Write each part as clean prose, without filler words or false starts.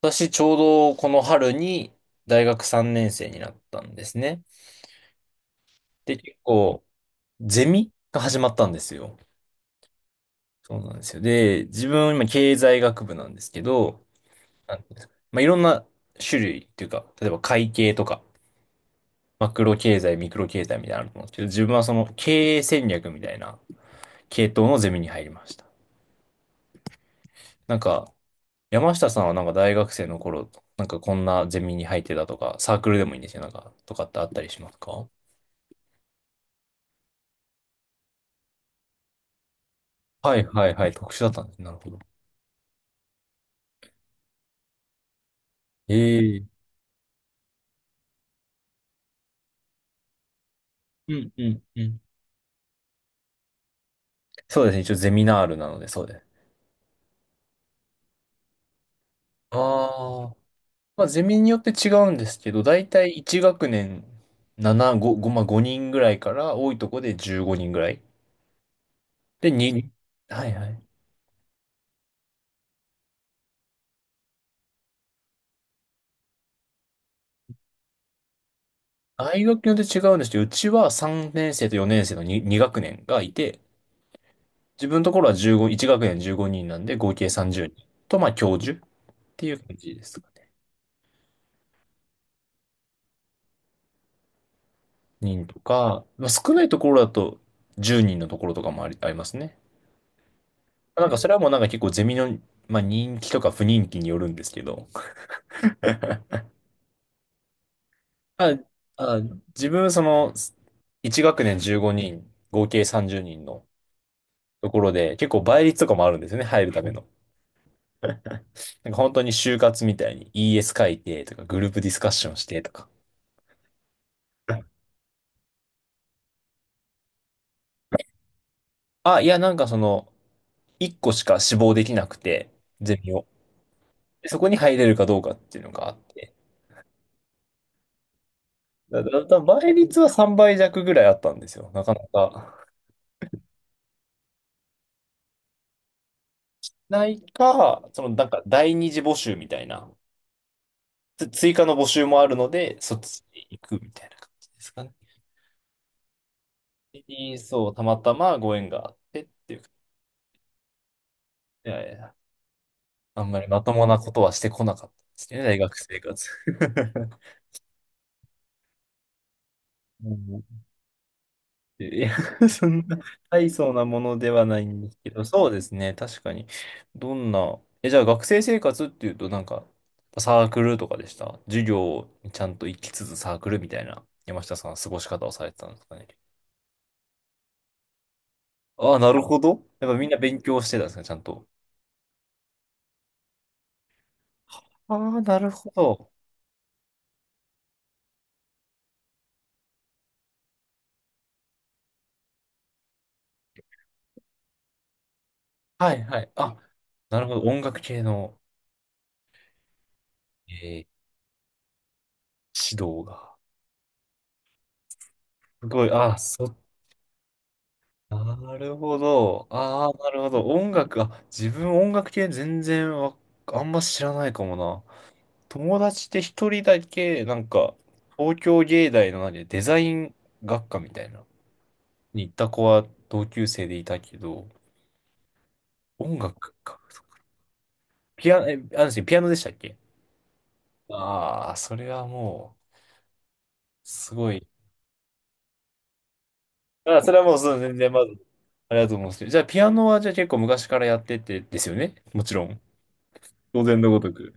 私、ちょうどこの春に大学3年生になったんですね。で、結構、ゼミが始まったんですよ。そうなんですよ。で、自分、今、経済学部なんですけど、なんていうんですか、まあ、いろんな種類っていうか、例えば会計とか、マクロ経済、ミクロ経済みたいなのあると思うんですけど、自分はその経営戦略みたいな系統のゼミに入りました。なんか、山下さんはなんか大学生の頃、なんかこんなゼミに入ってたとか、サークルでもいいんですよ、なんか、とかってあったりしますか？はいはいはい。特殊だったんですね。なるほど。ええ。うんうんうん。そうですね。一応ゼミナールなので、そうです。ああ。まあ、ゼミによって違うんですけど、だいたい1学年7、5、5、まあ、人ぐらいから、多いとこで15人ぐらい。で、2、はいはい。大学によって違うんですけど、うちは3年生と4年生の 2、 学年がいて、自分のところは15、1学年15人なんで、合計30人と、まあ、教授っていう感じです。人とか、まあ、少ないところだと10人のところとかもあり、ありますね。なんかそれはもうなんか結構ゼミの、まあ、人気とか不人気によるんですけど、あ、あ、自分その1学年15人、合計30人のところで結構倍率とかもあるんですよね、入るための。なんか本当に就活みたいに ES 書いてとかグループディスカッションしてとか。いやなんかその1個しか志望できなくて、ゼミを。でそこに入れるかどうかっていうのがあって。だ、だ、だ倍率は3倍弱ぐらいあったんですよ。なかなか。ないか、そのなんか第二次募集みたいな、追加の募集もあるので、そっちに行くみたいな感じですかね。にそう、たまたまご縁があってっていう。いやいや、あんまりまともなことはしてこなかったですね、大学生活。うんいや、そんな大層なものではないんですけど、そうですね、確かに。どんな、じゃあ学生生活っていうと、なんか、サークルとかでした授業にちゃんと行きつつサークルみたいな、山下さんは過ごし方をされてたんですかね。ああ、なるほど。やっぱみんな勉強してたんですね、ちゃんと。ああ、なるほど。はいはい。あ、なるほど。音楽系の、えー指導が。すごい。ああ、なるほど。ああ、なるほど。音楽、自分音楽系全然あんま知らないかもな。友達で一人だけ、なんか、東京芸大の何、デザイン学科みたいな、に行った子は同級生でいたけど、音楽か。ピア、え、あの人、ピアノでしたっけ？ああー、それはもう、すごい。あ、それはもう、そう、全然、まず、ありがとうございます。じゃあ、ピアノは、じゃあ結構昔からやってて、ですよねもちろん。当然のごとく。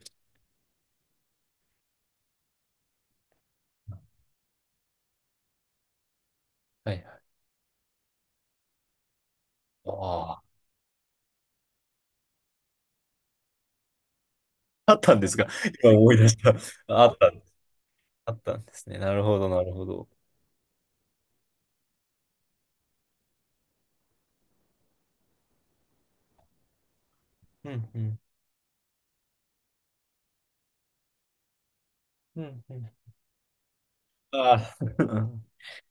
はいはい。ああ。あったんですが、今思い出した。あった、あったんですね。なるほど、なるほど。うんうん。うんうん。ああ、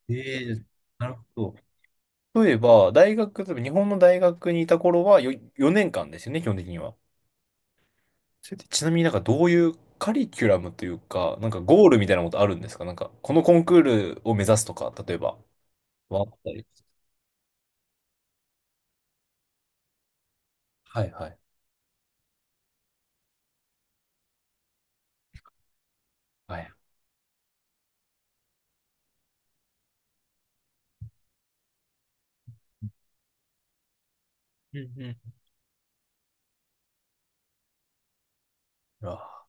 ええなるほど。例えば、大学、例えば日本の大学にいた頃はよ4年間ですよね、基本的には。それってちなみになんかどういうカリキュラムというか、なんかゴールみたいなことあるんですか？なんか、このコンクールを目指すとか、例えば、はあったり。はいはい。はい。うんうん。うわ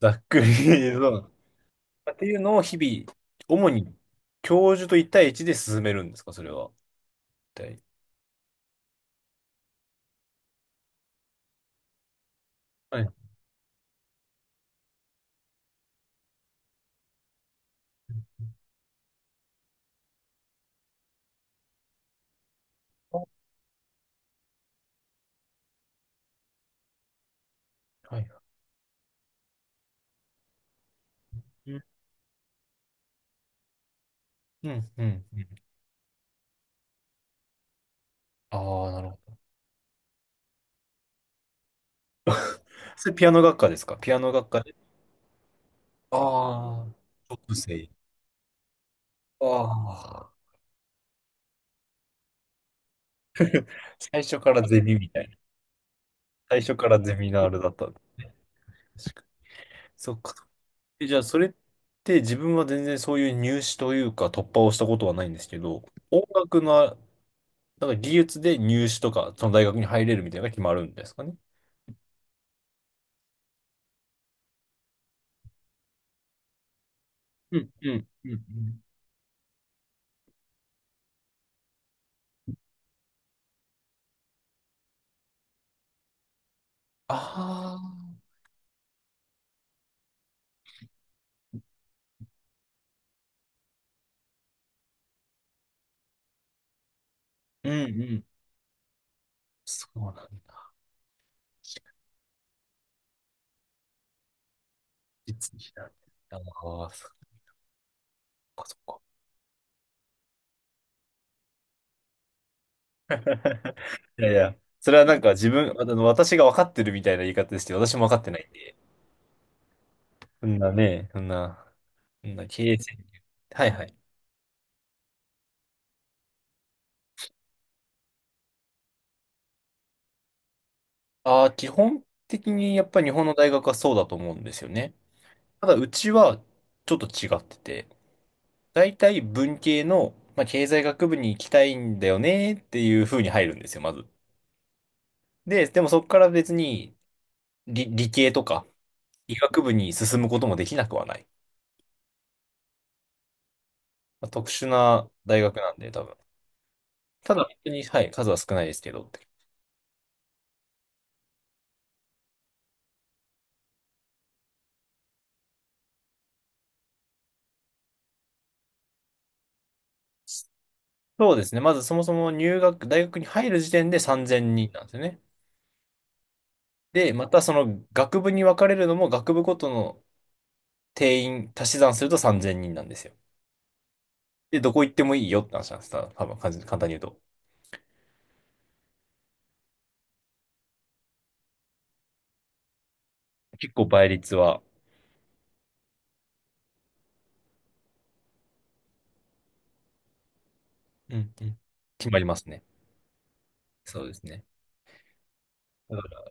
ざっくり、そうっていうのを日々、主に教授と一対一で進めるんですか、それは。一対はい。はい。うん、うん、うん。ああ、なるほど。それピアノ学科ですか？ピアノ学科で。ああ、特性。ああ、最初からゼミみたいな。最初からゼミナールだった。確かにそっか。じゃあ、それって自分は全然そういう入試というか突破をしたことはないんですけど、音楽の、なんか技術で入試とか、その大学に入れるみたいなのが決まるんですかね？うん、うん、うん、うん。ああ、うん、うん。そうなんだ。実技なんだ。ああ、そっかそっか。いやいや、それはなんか自分、あの、私が分かってるみたいな言い方ですけど、私も分かってないんで、そんなね、そんな経営戦略。はいはい。ああ、基本的にやっぱり日本の大学はそうだと思うんですよね。ただ、うちはちょっと違ってて、大体文系の、まあ、経済学部に行きたいんだよねっていう風に入るんですよ、まず。でもそこから別に理系とか医学部に進むこともできなくはない。まあ、特殊な大学なんで、多分。ただ、本当に、はい、数は少ないですけどって。そうですね。まずそもそも入学、大学に入る時点で3000人なんですよね。で、またその学部に分かれるのも学部ごとの定員足し算すると3000人なんですよ。で、どこ行ってもいいよって話なんです。多分、簡単に言うと。結構倍率は、うんうん、決まりますね。そうですね。だ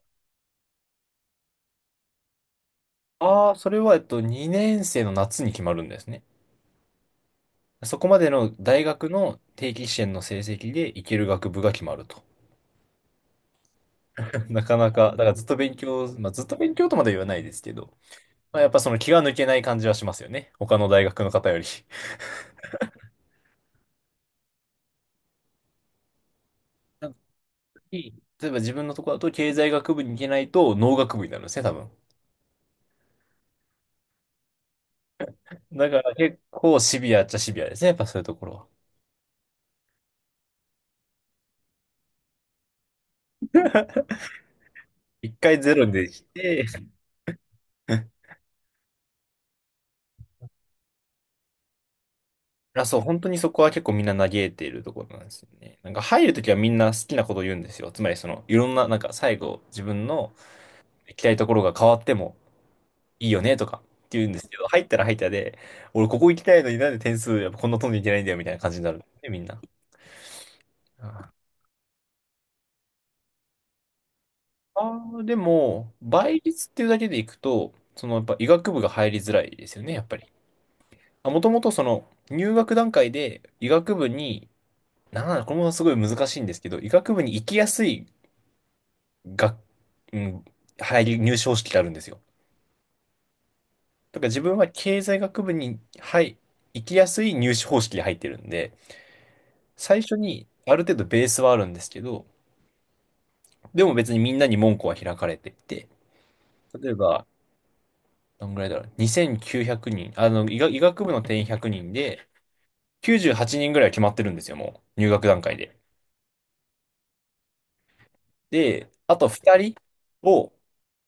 ああ、それは、えっと、2年生の夏に決まるんですね。そこまでの大学の定期試験の成績で行ける学部が決まると。なかなか、だからずっと勉強、まあ、ずっと勉強とまでは言わないですけど、まあ、やっぱその気が抜けない感じはしますよね。他の大学の方より。なんかいい例えば自分のところだと経済学部に行けないと農学部になるんですね、多分。だから結構シビアっちゃシビアですね、やっぱそういうところは。一回ゼロでして、あ、そう、本当にそこは結構みんな嘆いているところなんですよね。なんか入るときはみんな好きなことを言うんですよ。つまりその、いろんな、なんか最後自分の行きたいところが変わってもいいよねとかって言うんですけど、入ったら入ったで、俺ここ行きたいのになんで点数やっぱこんな飛んでいけないんだよみたいな感じになるんで、みんな。ああでも、倍率っていうだけでいくと、そのやっぱ医学部が入りづらいですよね、やっぱり。もともとその入学段階で医学部に、なんだ、これもすごい難しいんですけど、医学部に行きやすいが、うん、入試方式があるんですよ。だから自分は経済学部に、はい、行きやすい入試方式で入ってるんで、最初にある程度ベースはあるんですけど、でも別にみんなに門戸は開かれていて、例えば、どんぐらいだろう、2900人、あの、医学部の定員100人で、98人ぐらいは決まってるんですよ、もう、入学段階で。で、あと2人を、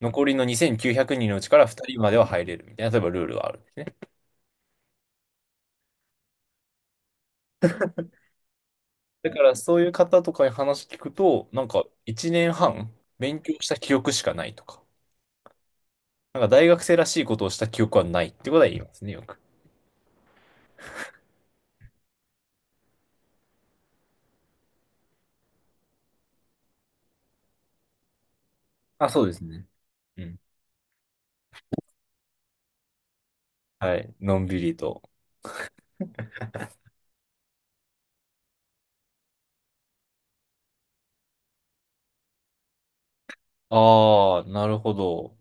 残りの2900人のうちから2人までは入れるみたいな、例えばルールがある。だからそういう方とかに話聞くと、なんか1年半勉強した記憶しかないとか、なんか大学生らしいことをした記憶はないってことは言いますね、よく。あ、そうですね。うん。はい。のんびりと。ああ、なるほど。